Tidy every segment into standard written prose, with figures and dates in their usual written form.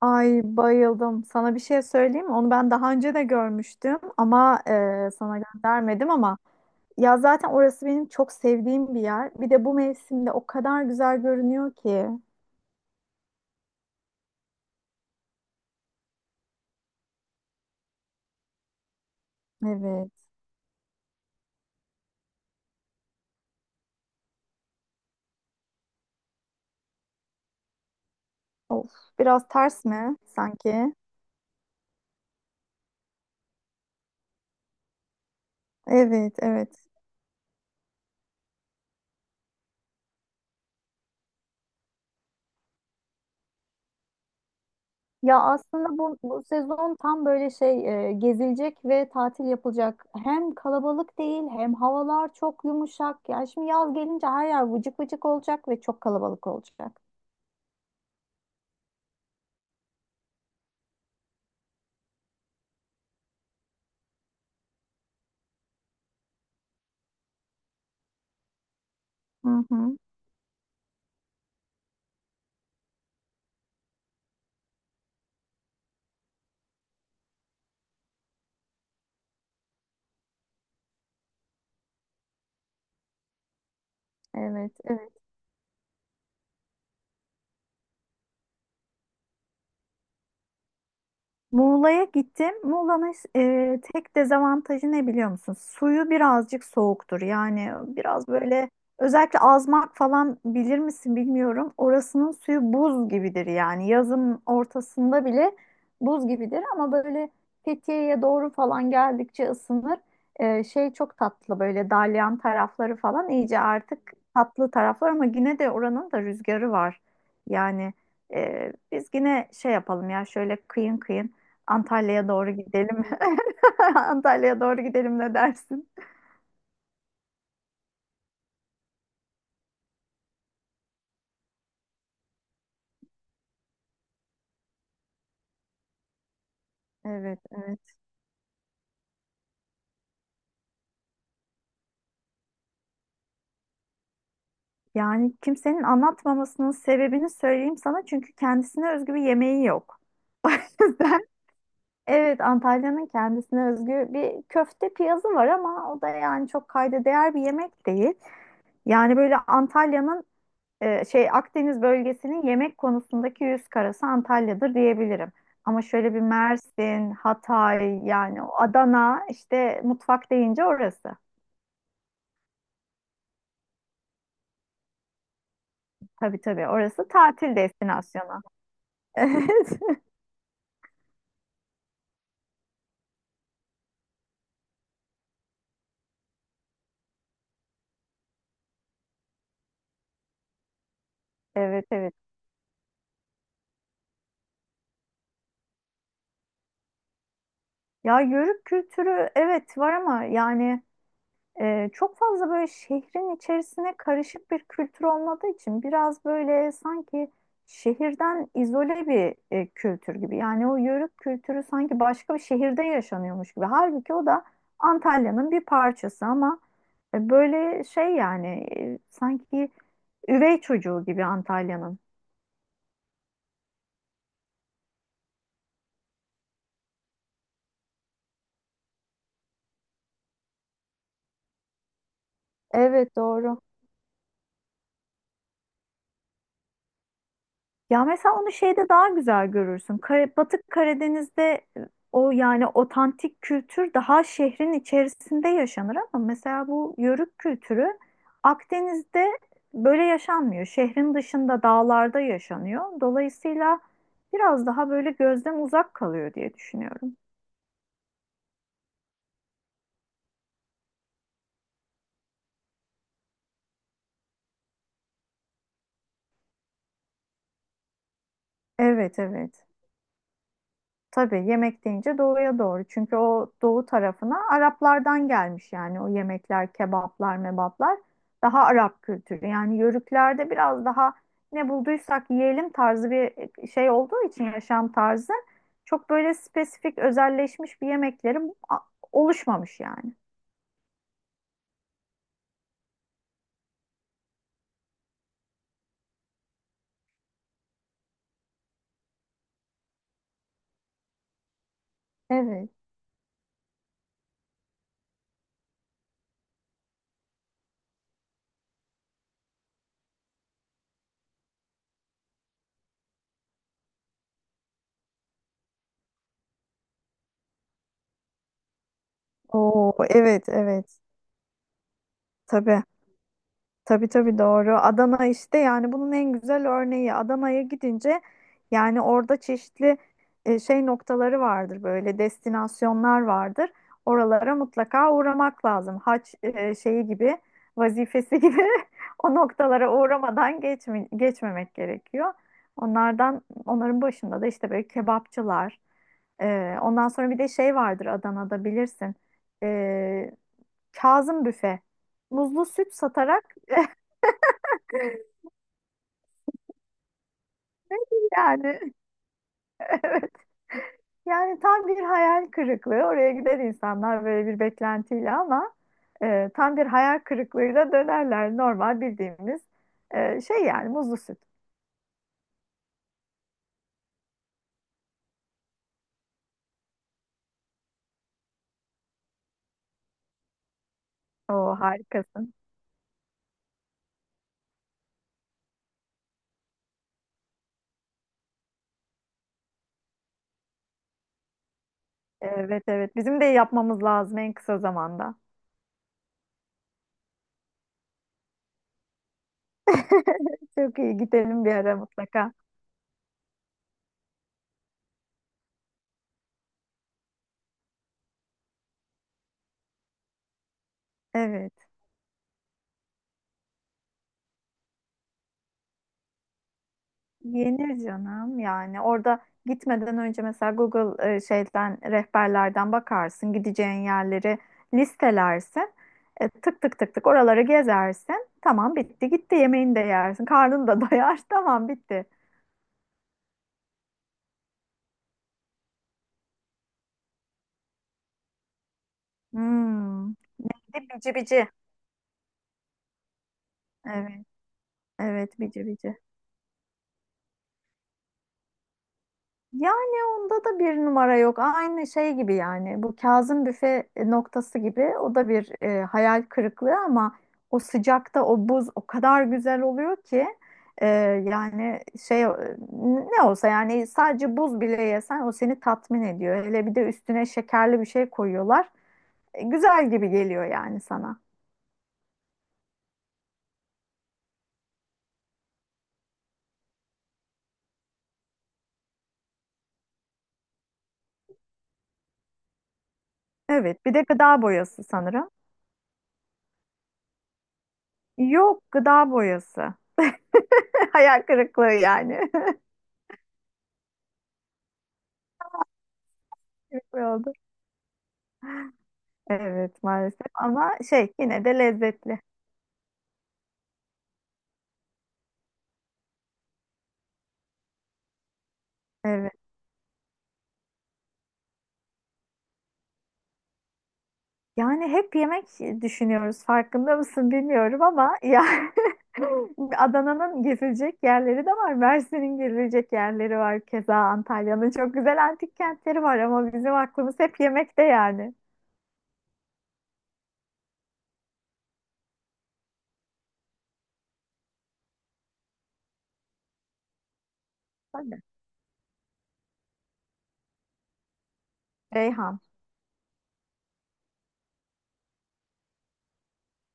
Ay bayıldım. Sana bir şey söyleyeyim mi? Onu ben daha önce de görmüştüm ama sana göndermedim ama ya zaten orası benim çok sevdiğim bir yer. Bir de bu mevsimde o kadar güzel görünüyor ki. Evet. Of, biraz ters mi sanki? Evet, evet. Ya aslında bu sezon tam böyle şey gezilecek ve tatil yapılacak. Hem kalabalık değil hem havalar çok yumuşak. Ya şimdi yaz gelince her yer vıcık vıcık olacak ve çok kalabalık olacak. Hı hı. Evet, evet. Muğla'ya gittim. Muğla'nın tek dezavantajı ne biliyor musun? Suyu birazcık soğuktur. Yani biraz böyle özellikle Azmak falan bilir misin bilmiyorum. Orasının suyu buz gibidir yani. Yazın ortasında bile buz gibidir ama böyle Fethiye'ye doğru falan geldikçe ısınır. Şey çok tatlı böyle dalyan tarafları falan iyice artık tatlı taraflar ama yine de oranın da rüzgarı var. Yani biz yine şey yapalım ya şöyle kıyın kıyın. Antalya'ya doğru gidelim. Antalya'ya doğru gidelim ne dersin? Evet, evet. Yani kimsenin anlatmamasının sebebini söyleyeyim sana çünkü kendisine özgü bir yemeği yok. O yüzden evet Antalya'nın kendisine özgü bir köfte piyazı var ama o da yani çok kayda değer bir yemek değil. Yani böyle Antalya'nın şey Akdeniz bölgesinin yemek konusundaki yüz karası Antalya'dır diyebilirim. Ama şöyle bir Mersin, Hatay yani o Adana işte mutfak deyince orası. Tabii tabii orası tatil destinasyonu. Evet evet. Evet. Ya yörük kültürü evet var ama yani çok fazla böyle şehrin içerisine karışık bir kültür olmadığı için biraz böyle sanki şehirden izole bir kültür gibi. Yani o yörük kültürü sanki başka bir şehirde yaşanıyormuş gibi. Halbuki o da Antalya'nın bir parçası ama böyle şey yani sanki üvey çocuğu gibi Antalya'nın. Evet doğru. Ya mesela onu şeyde daha güzel görürsün. Batı Karadeniz'de o yani otantik kültür daha şehrin içerisinde yaşanır ama mesela bu yörük kültürü Akdeniz'de böyle yaşanmıyor. Şehrin dışında dağlarda yaşanıyor. Dolayısıyla biraz daha böyle gözden uzak kalıyor diye düşünüyorum. Evet evet. Tabii yemek deyince doğuya doğru. Çünkü o doğu tarafına Araplardan gelmiş yani o yemekler, kebaplar, mebaplar daha Arap kültürü. Yani yörüklerde biraz daha ne bulduysak yiyelim tarzı bir şey olduğu için yaşam tarzı çok böyle spesifik özelleşmiş bir yemekleri oluşmamış yani. Evet. Oo, evet evet. Tabii. Tabii tabii doğru. Adana işte yani bunun en güzel örneği. Adana'ya gidince yani orada çeşitli şey noktaları vardır böyle destinasyonlar vardır. Oralara mutlaka uğramak lazım. Haç şeyi gibi vazifesi gibi o noktalara uğramadan geçmemek gerekiyor. Onlardan onların başında da işte böyle kebapçılar. Ondan sonra bir de şey vardır Adana'da bilirsin. E, Kazım Büfe. Muzlu süt satarak. Yani yani tam bir hayal kırıklığı. Oraya gider insanlar böyle bir beklentiyle ama tam bir hayal kırıklığıyla dönerler. Normal bildiğimiz şey yani muzlu süt. Oo harikasın. Evet evet. Bizim de yapmamız lazım en kısa zamanda. Çok iyi. Gidelim bir ara mutlaka. Evet. Yenir canım yani orada gitmeden önce mesela Google şeyden rehberlerden bakarsın gideceğin yerleri listelersin. Tık tık tık tık oraları gezersin tamam bitti gitti yemeğini de yersin karnını da doyar tamam bitti. Hmm. Bir de bici bici evet evet bici bici. Yani onda da bir numara yok. Aynı şey gibi yani. Bu Kazım Büfe noktası gibi. O da bir hayal kırıklığı ama o sıcakta o buz o kadar güzel oluyor ki e, yani şey ne olsa yani sadece buz bile yesen o seni tatmin ediyor. Hele bir de üstüne şekerli bir şey koyuyorlar güzel gibi geliyor yani sana. Evet, bir de gıda boyası sanırım. Yok, gıda boyası. Hayal kırıklığı yani. Kırıklığı oldu. Evet, maalesef ama şey yine de lezzetli. Evet. Yani hep yemek düşünüyoruz farkında mısın bilmiyorum ama ya Adana'nın gezilecek yerleri de var. Mersin'in gezilecek yerleri var. Keza Antalya'nın çok güzel antik kentleri var ama bizim aklımız hep yemekte yani. Ben Reyhan.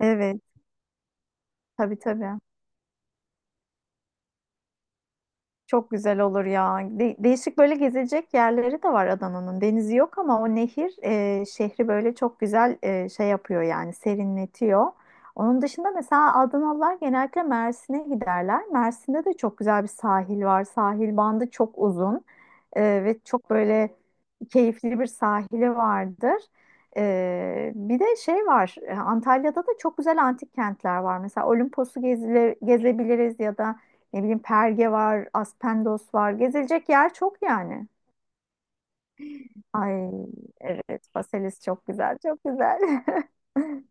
Evet. Tabii tabii. Çok güzel olur ya. Değişik böyle gezilecek yerleri de var Adana'nın. Denizi yok ama o nehir şehri böyle çok güzel şey yapıyor yani serinletiyor. Onun dışında mesela Adanalılar genellikle Mersin'e giderler. Mersin'de de çok güzel bir sahil var. Sahil bandı çok uzun ve çok böyle keyifli bir sahili vardır. Bir de şey var Antalya'da da çok güzel antik kentler var. Mesela gezebiliriz ya da ne bileyim Perge var, Aspendos var. Gezilecek yer çok yani. Ay evet Faselis çok güzel, çok güzel.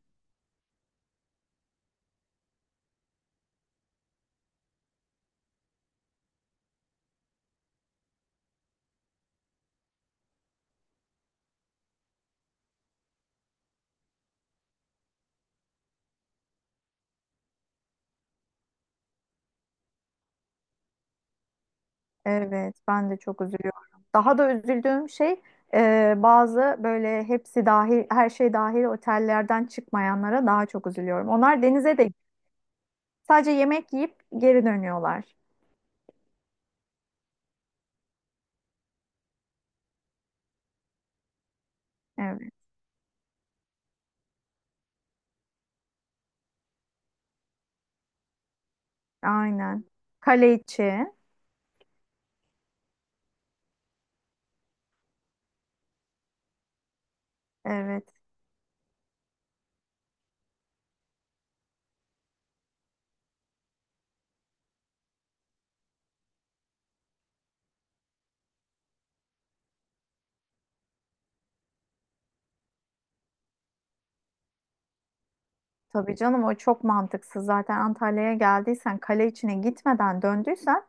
Evet, ben de çok üzülüyorum. Daha da üzüldüğüm şey bazı böyle her şey dahil otellerden çıkmayanlara daha çok üzülüyorum. Onlar denize de sadece yemek yiyip geri dönüyorlar. Evet, aynen. Kale içi. Evet. Tabii canım o çok mantıksız. Zaten Antalya'ya geldiysen kale içine gitmeden döndüysen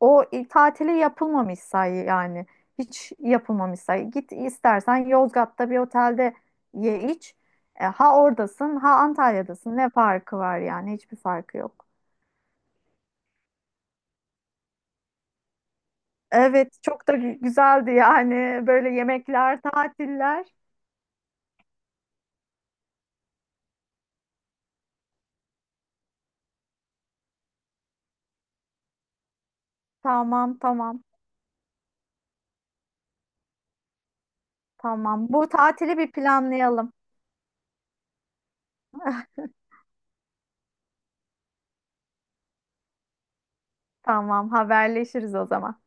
tatili yapılmamış say yani. Hiç yapılmamış say. Git istersen Yozgat'ta bir otelde ye iç. Ha oradasın ha Antalya'dasın. Ne farkı var yani? Hiçbir farkı yok. Evet çok da güzeldi yani böyle yemekler, tatiller. Tamam tamam. Tamam. Bu tatili bir planlayalım. Tamam, haberleşiriz o zaman.